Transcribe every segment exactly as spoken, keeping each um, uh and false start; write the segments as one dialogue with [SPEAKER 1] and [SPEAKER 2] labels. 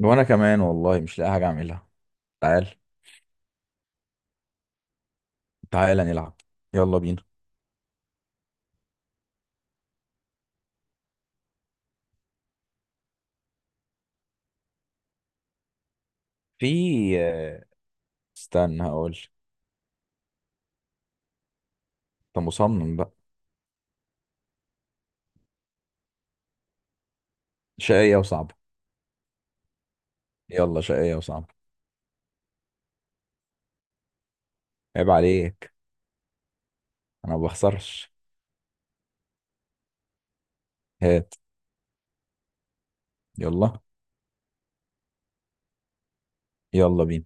[SPEAKER 1] وانا كمان والله مش لاقي حاجه اعملها. تعال. تعال نلعب. يلا بينا. في آه، استنى هقول. انت مصمم بقى. شقيه وصعبه. يلا شقيه وصعبه. عيب عليك. انا ما بخسرش. هات. يلا. يلا بينا.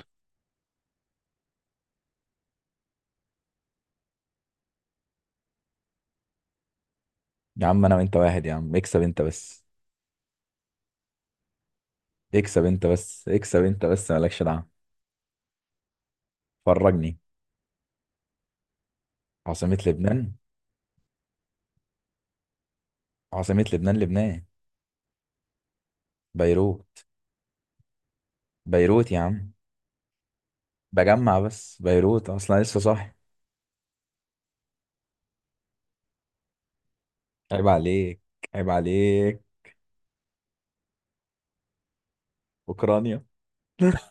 [SPEAKER 1] يا عم انا وانت واحد، يا عم. اكسب انت بس، اكسب انت بس، اكسب انت بس، مالكش دعوه. فرجني. عاصمه لبنان. عاصمه لبنان، لبنان. بيروت. بيروت يا عم، بجمع بس. بيروت اصلا لسه صاحي. عيب عليك. عيب عليك. اوكرانيا.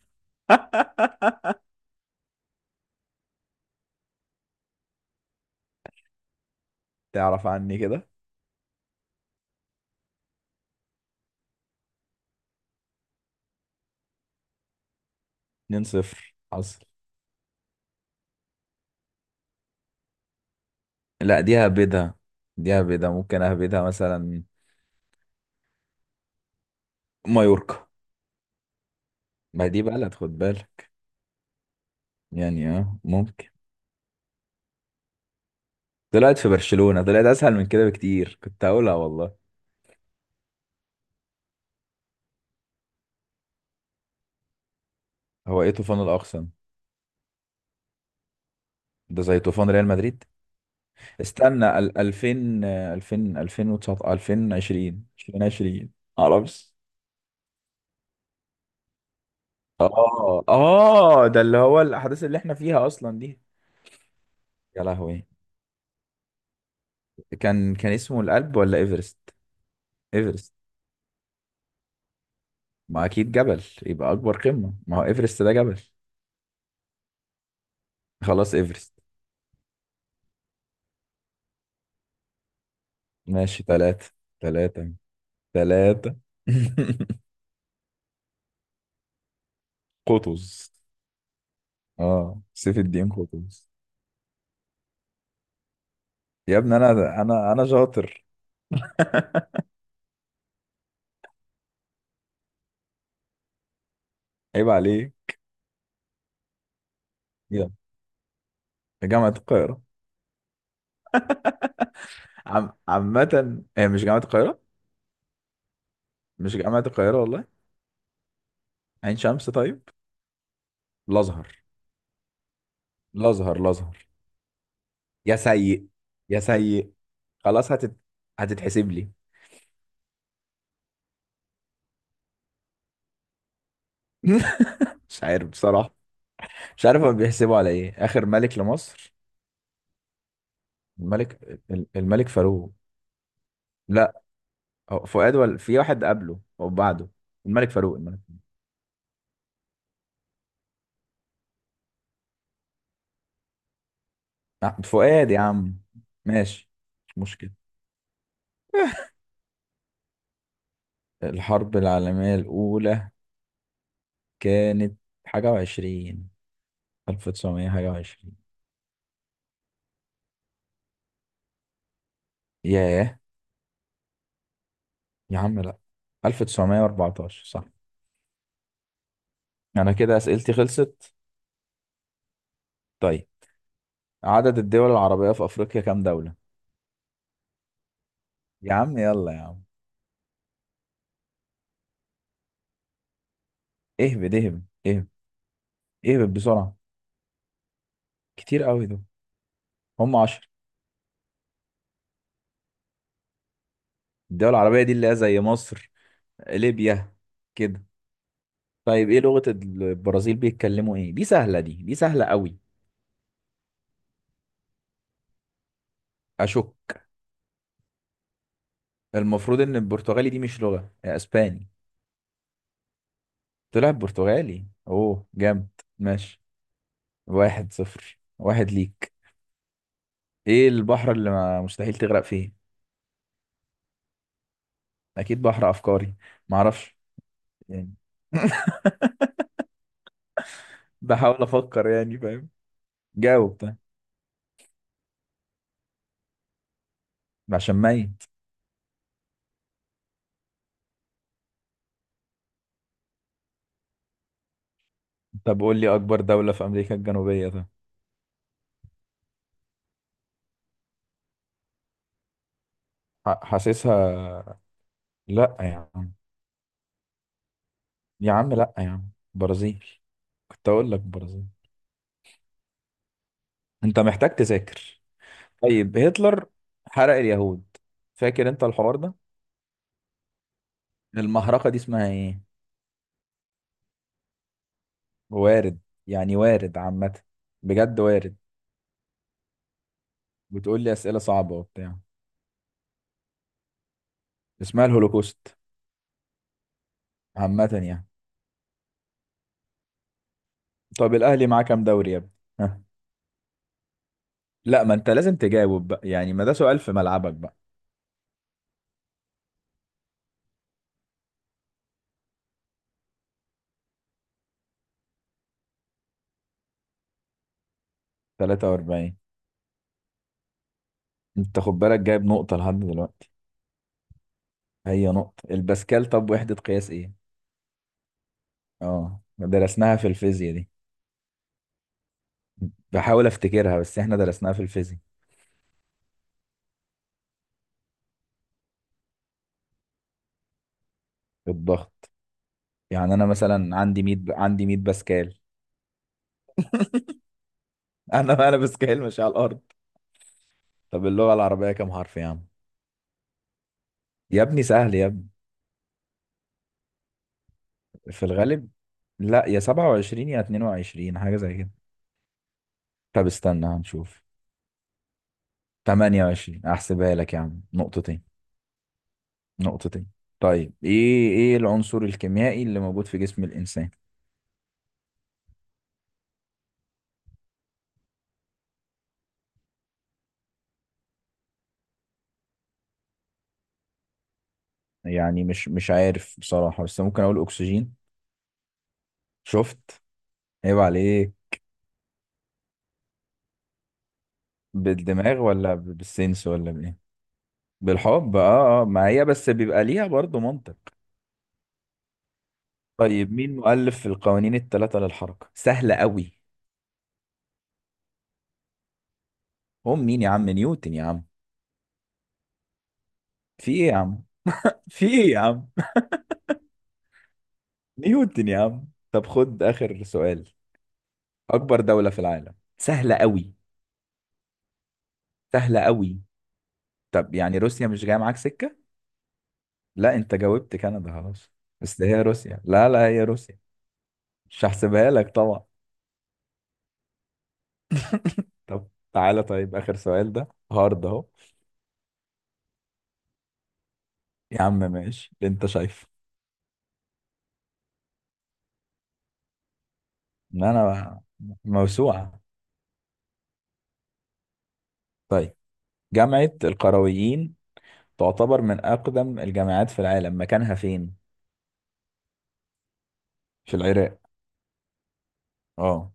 [SPEAKER 1] تعرف عني كده. اتنين صفر. حصل. لا دي هبدها، دي هبدها ممكن اهبدها مثلا. مايوركا. ما دي بلد، خد بالك. يعني اه ممكن. طلعت في برشلونة، طلعت اسهل من كده بكتير. كنت هقولها والله. هو ايه طوفان الاقصم؟ ده زي طوفان ريال مدريد. استنى ال- ألفين، آه، ألفين، ألفين وتسعتاشر، ألفين وعشرين، ألفين وعشرين. معرفش. اه اه، ده اللي هو الاحداث اللي احنا فيها اصلا دي. يا لهوي. كان كان اسمه الألب ولا ايفرست؟ ايفرست. ما اكيد جبل يبقى اكبر قمة، ما هو ايفرست ده جبل. خلاص ايفرست. ماشي. ثلاثة. ثلاثة. ثلاثة. قطز. اه سيف الدين قطز. يا ابني انا، انا انا شاطر. عيب عليك. يلا. جامعة القاهرة. عم... عامة، هي مش جامعة القاهرة؟ مش جامعة القاهرة والله. عين شمس طيب. الأزهر. الأزهر. الأزهر. يا سيء. يا سيء. خلاص هتت... هتتحسب لي. مش عارف بصراحة. مش عارف هم بيحسبوا على ايه. اخر ملك لمصر. الملك الملك فاروق. لا، هو فؤاد ولا في واحد قبله او بعده؟ الملك فاروق. الملك. آه، فؤاد يا عم. ماشي. مش مشكلة. الحرب العالمية الأولى كانت حاجة وعشرين، ألف تسعمية حاجة وعشرين. ياه. يا عم لأ، ألف تسعمية وأربعتاشر صح. أنا كده أسئلتي خلصت. طيب، عدد الدول العربية في أفريقيا كام دولة؟ يا عم يلا يا عم. اهبد اهبد اهبد. ايه بقى بسرعة. كتير قوي دول. هم عشر. الدول العربية دي اللي هي زي مصر، ليبيا، كده. طيب ايه لغة البرازيل، بيتكلموا ايه؟ دي سهلة، دي دي سهلة قوي. اشك. المفروض ان البرتغالي دي مش لغة، يا اسباني. طلع برتغالي. اوه جامد. ماشي. واحد صفر، واحد ليك. ايه البحر اللي ما مستحيل تغرق فيه؟ اكيد بحر افكاري. معرفش يعني. بحاول افكر، يعني فاهم. جاوب طيب. عشان ميت. طب قول لي اكبر دولة في امريكا الجنوبية طيب. ح- حاسسها. لا يا عم. يا عم لا يا عم، برازيل. كنت اقول لك برازيل. انت محتاج تذاكر. طيب. هتلر حرق اليهود، فاكر انت الحوار ده. المهرجة دي اسمها ايه؟ وارد. يعني وارد عامة. بجد وارد. بتقول لي اسئلة صعبة وبتاع. اسمها الهولوكوست. عامة يعني. طب الاهلي معاه كام دوري يا ابني؟ ها؟ لا، ما انت لازم تجاوب بقى يعني، ما ده سؤال في ملعبك بقى. تلاتة واربعين. انت خد بالك، جايب نقطة لحد دلوقتي. هي نقطة الباسكال. طب وحدة قياس ايه؟ اه درسناها في الفيزياء دي. بحاول افتكرها، بس احنا درسناها في الفيزياء. الضغط. يعني انا مثلا عندي مية، ب... عندي مية باسكال. انا، انا باسكال مش على الارض. طب اللغة العربية كام حرف يا عم؟ يا ابني سهل يا ابني. في الغالب لا، يا سبعة وعشرين يا اتنين وعشرين، حاجة زي كده. طب استنى هنشوف. تمنية وعشرين. احسبها لك يا عم، نقطتين. نقطتين. طيب، ايه ايه العنصر الكيميائي اللي موجود في جسم الانسان؟ يعني مش مش عارف بصراحة، بس ممكن أقول أكسجين. شفت؟ عيب عليه. بالدماغ ولا ب- بالسنس ولا بإيه؟ بالحب. اه اه، ما هي بس بيبقى ليها برضه منطق. طيب مين مؤلف القوانين الثلاثة للحركة؟ سهلة قوي. هم مين يا عم؟ نيوتن يا عم. في ايه يا عم؟ في ايه يا عم؟ نيوتن يا عم. طب خد آخر سؤال. أكبر دولة في العالم. سهلة قوي. سهلة قوي. طب يعني روسيا مش جاية معاك سكة؟ لا، انت جاوبت كندا خلاص. بس هي روسيا. لا لا، هي روسيا. مش هحسبها لك طبعا. طب تعالى طيب، آخر سؤال ده هارد أهو. يا عم ماشي اللي أنت شايفه، إن أنا موسوعة. طيب، جامعة القرويين تعتبر من أقدم الجامعات في العالم، مكانها فين؟ في العراق. اه.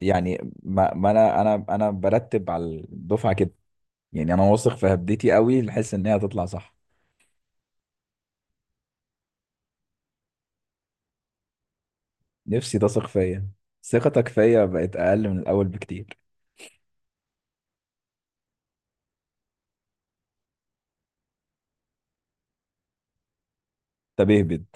[SPEAKER 1] يعني ما, ما أنا، أنا أنا برتب على الدفعة كده. يعني أنا واثق في هبدتي قوي، لحس إن هي هتطلع صح. نفسي تثق فيا. ثقتك فيا بقت أقل من الأول بكتير. طب اهبد.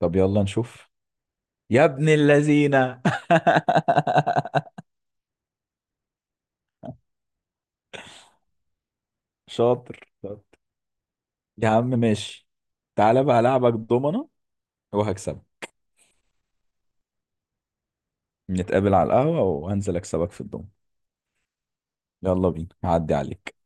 [SPEAKER 1] طب يلا نشوف. يا ابن اللذينة. شاطر شاطر يا عم. ماشي. تعالى بقى هلعبك ضمنة وهكسبك. نتقابل على القهوة وهنزل اكسبك في الضمنة. يلا بينا، هعدي عليك.